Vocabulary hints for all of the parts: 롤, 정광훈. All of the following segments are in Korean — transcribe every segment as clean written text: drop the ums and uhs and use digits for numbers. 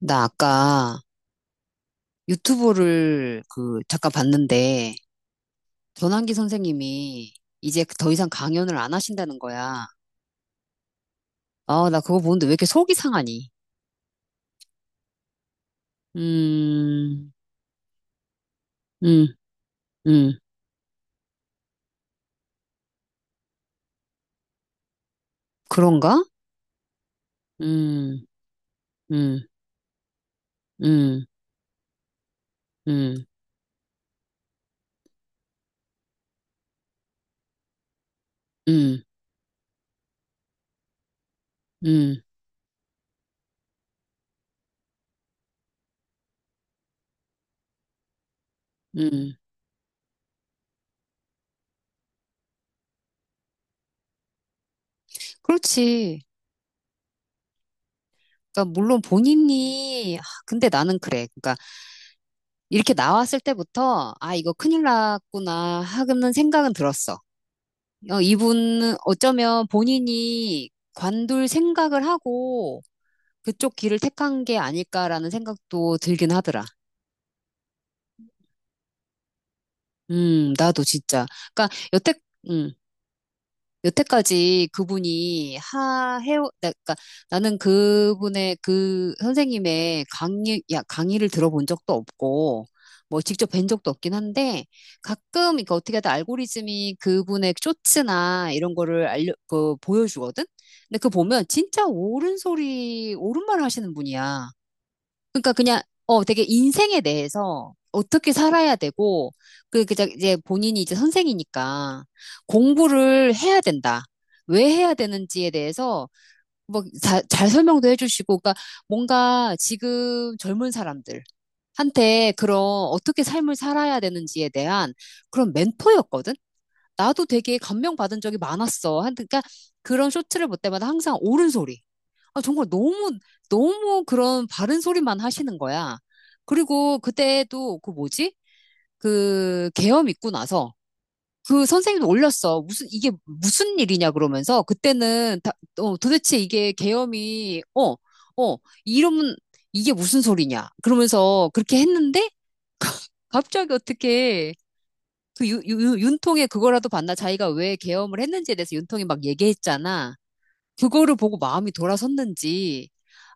나 아까 유튜브를 그 잠깐 봤는데 전환기 선생님이 이제 더 이상 강연을 안 하신다는 거야. 아, 나 그거 보는데 왜 이렇게 속이 상하니? 음. 음. 음. 그런가? 음. 음. 음. 음. 음. 음. 음. 그렇지. 그러니까 물론 본인이 아, 근데 나는 그래. 그러니까 이렇게 나왔을 때부터 아, 이거 큰일 났구나 하는 생각은 들었어. 어, 이분은 어쩌면 본인이 관둘 생각을 하고 그쪽 길을 택한 게 아닐까라는 생각도 들긴 하더라. 나도 진짜. 그러니까 여태, 음, 여태까지 그분이 그러니까 나는 그분의 그 선생님의 강의를 들어본 적도 없고, 뭐 직접 뵌 적도 없긴 한데, 가끔, 이거 어떻게 하다 알고리즘이 그분의 쇼츠나 이런 거를 보여주거든? 근데 그거 보면 진짜 옳은 소리, 옳은 말 하시는 분이야. 그러니까 그냥 되게 인생에 대해서 어떻게 살아야 되고 그저 이제 본인이 이제 선생이니까 공부를 해야 된다. 왜 해야 되는지에 대해서 뭐잘 설명도 해주시고 그러니까 뭔가 지금 젊은 사람들한테 그런 어떻게 삶을 살아야 되는지에 대한 그런 멘토였거든. 나도 되게 감명받은 적이 많았어. 그러니까 그런 쇼트를 볼 때마다 항상 옳은 소리. 아, 정말 너무, 너무 그런 바른 소리만 하시는 거야. 그리고 그때도 그 뭐지? 그 계엄 있고 나서 그 선생님도 올렸어. 무슨, 이게 무슨 일이냐 그러면서 그때는 다, 어, 도대체 이게 계엄이, 어, 어, 이러면 이게 무슨 소리냐. 그러면서 그렇게 했는데 갑자기 어떻게 그 윤통에 그거라도 봤나? 자기가 왜 계엄을 했는지에 대해서 윤통이 막 얘기했잖아. 그거를 보고 마음이 돌아섰는지.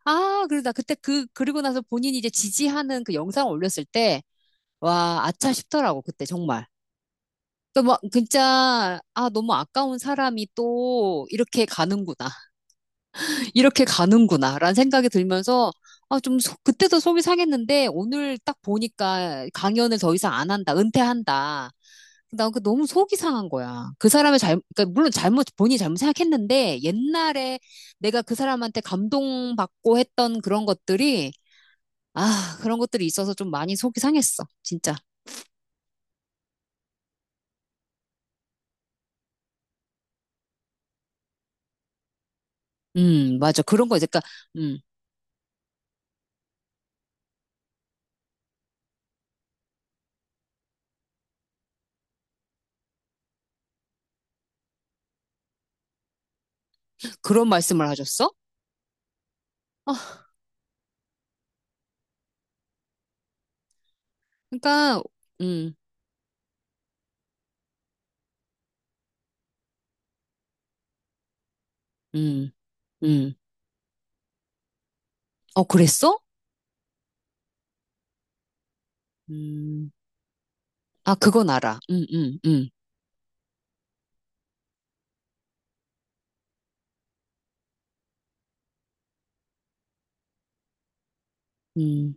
아, 그래서 나 그때 그리고 나서 본인이 이제 지지하는 그 영상을 올렸을 때, 와, 아차 싶더라고, 그때 정말. 또 막, 진짜, 아, 너무 아까운 사람이 또 이렇게 가는구나. 이렇게 가는구나. 라는 생각이 들면서, 아, 좀, 그때도 속이 상했는데, 오늘 딱 보니까 강연을 더 이상 안 한다. 은퇴한다. 나 그 너무 속이 상한 거야. 그 사람의 그러니까 물론 잘못, 본인이 잘못 생각했는데 옛날에 내가 그 사람한테 감동받고 했던 그런 것들이, 아, 그런 것들이 있어서 좀 많이 속이 상했어. 진짜. 맞아. 그런 거, 이제, 그러니까, 음, 그런 말씀을 하셨어? 아, 그러니까, 음. 음. 음. 어, 그랬어? 음, 아, 그건 알아. 음. 음. 음. 음.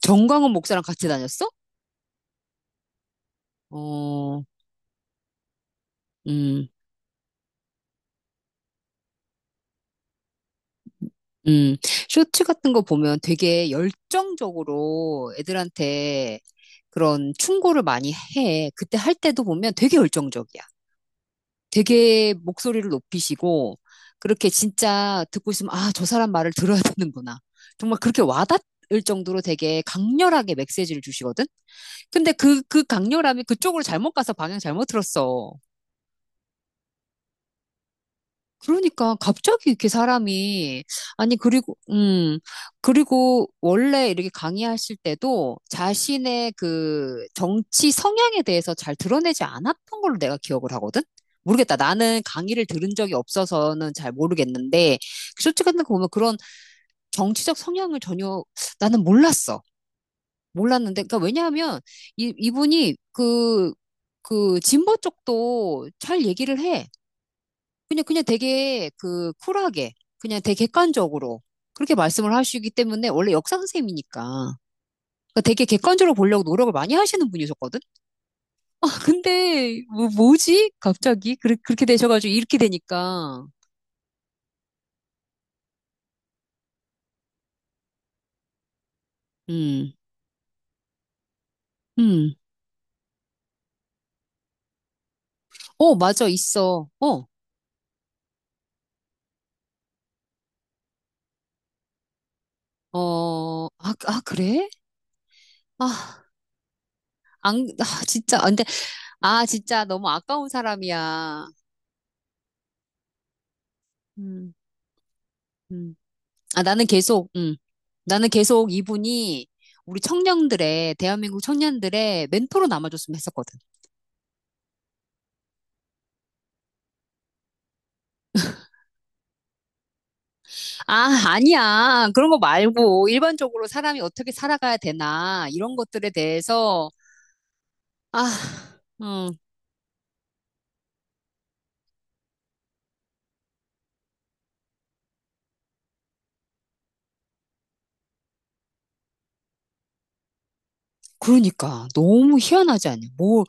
정광훈 목사랑 같이 다녔어? 어, 음. 음, 쇼츠 같은 거 보면 되게 열정적으로 애들한테 그런 충고를 많이 해. 그때 할 때도 보면 되게 열정적이야. 되게 목소리를 높이시고, 그렇게 진짜 듣고 있으면, 아, 저 사람 말을 들어야 되는구나. 정말 그렇게 와닿을 정도로 되게 강렬하게 메시지를 주시거든? 근데 그 강렬함이 그쪽으로 잘못 가서 방향 잘못 들었어. 그러니까 갑자기 이렇게 사람이 아니 그리고 그리고 원래 이렇게 강의하실 때도 자신의 그 정치 성향에 대해서 잘 드러내지 않았던 걸로 내가 기억을 하거든. 모르겠다. 나는 강의를 들은 적이 없어서는 잘 모르겠는데 솔직히 거 보면 그런 정치적 성향을 전혀 나는 몰랐어. 몰랐는데 그러니까 왜냐하면 이 이분이 그 그 진보 쪽도 잘 얘기를 해. 그냥, 그냥 되게 그 쿨하게, 그냥 되게 객관적으로 그렇게 말씀을 하시기 때문에 원래 역사 선생님이니까. 그러니까 되게 객관적으로 보려고 노력을 많이 하시는 분이셨거든? 근데, 뭐, 지 갑자기? 그렇게 되셔가지고 이렇게 되니까. 음. 음. 어, 맞아, 있어. 어, 어, 아, 아, 그래? 아, 안, 아, 진짜, 아, 근데, 아, 진짜 너무 아까운 사람이야. 음. 음. 아, 나는 계속, 나는 계속 이분이 우리 대한민국 청년들의 멘토로 남아줬으면 했었거든. 아, 아니야. 그런 거 말고 일반적으로 사람이 어떻게 살아가야 되나, 이런 것들에 대해서, 아, 음, 그러니까. 너무 희한하지 않냐. 뭐,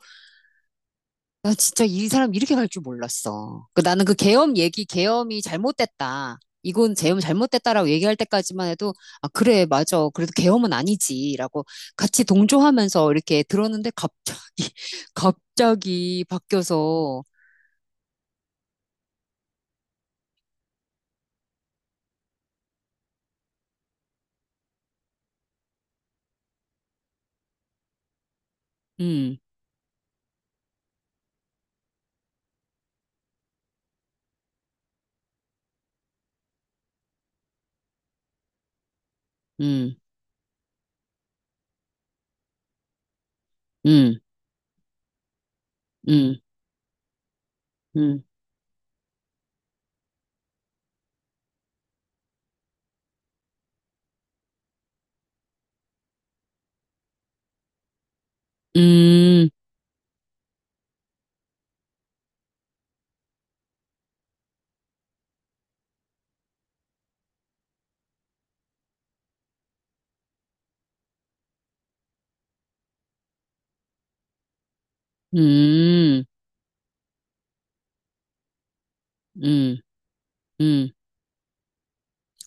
나 진짜 이 사람 이렇게 갈 줄 몰랐어. 그 나는 그 계엄 얘기, 계엄이 잘못됐다. 이건 계엄 잘못됐다라고 얘기할 때까지만 해도 아 그래 맞아. 그래도 계엄은 아니지라고 같이 동조하면서 이렇게 들었는데 갑자기 갑자기 바뀌어서 음, 음, 음, 음, 음, 음, 음, 음, 음.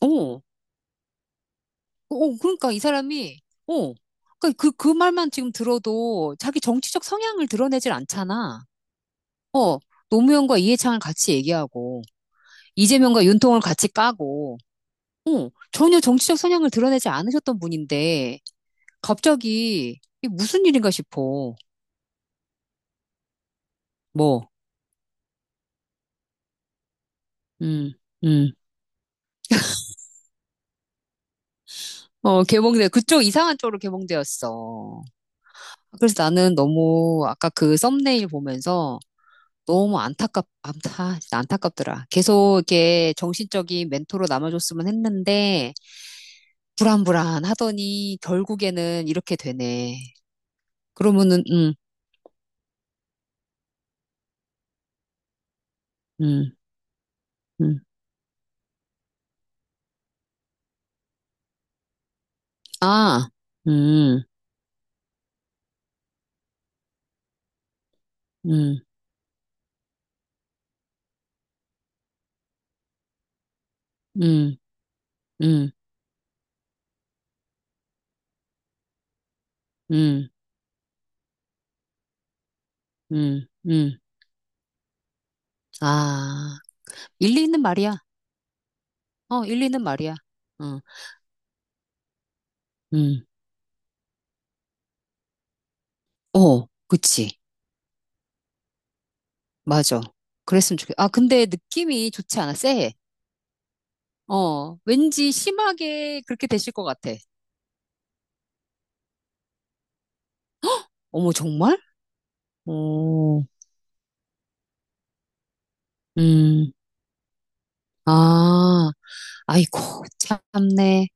오, 오, 그러니까 이 사람이 오, 그그 그그 말만 지금 들어도 자기 정치적 성향을 드러내질 않잖아. 어, 노무현과 이해창을 같이 얘기하고, 이재명과 윤통을 같이 까고, 어, 전혀 정치적 성향을 드러내지 않으셨던 분인데, 갑자기, 이게 무슨 일인가 싶어. 뭐, 음. 음. 어, 개봉돼. 그쪽 이상한 쪽으로 개봉되었어. 그래서 나는 너무, 아까 그 썸네일 보면서, 너무 진짜 안타깝더라. 계속 이렇게 정신적인 멘토로 남아줬으면 했는데, 불안불안 하더니, 결국에는 이렇게 되네. 그러면은, 음. 음. 아, 음. 음. 음. 음. 음. 음. 음. 아, 일리 있는 말이야. 어, 일리 있는 말이야. 어, 음, 어, 그치. 맞아. 그랬으면 좋겠, 아, 근데 느낌이 좋지 않아. 쎄해. 어, 왠지 심하게 그렇게 되실 것 같아. 어머, 정말? 오, 음, 아, 아이고, 참네.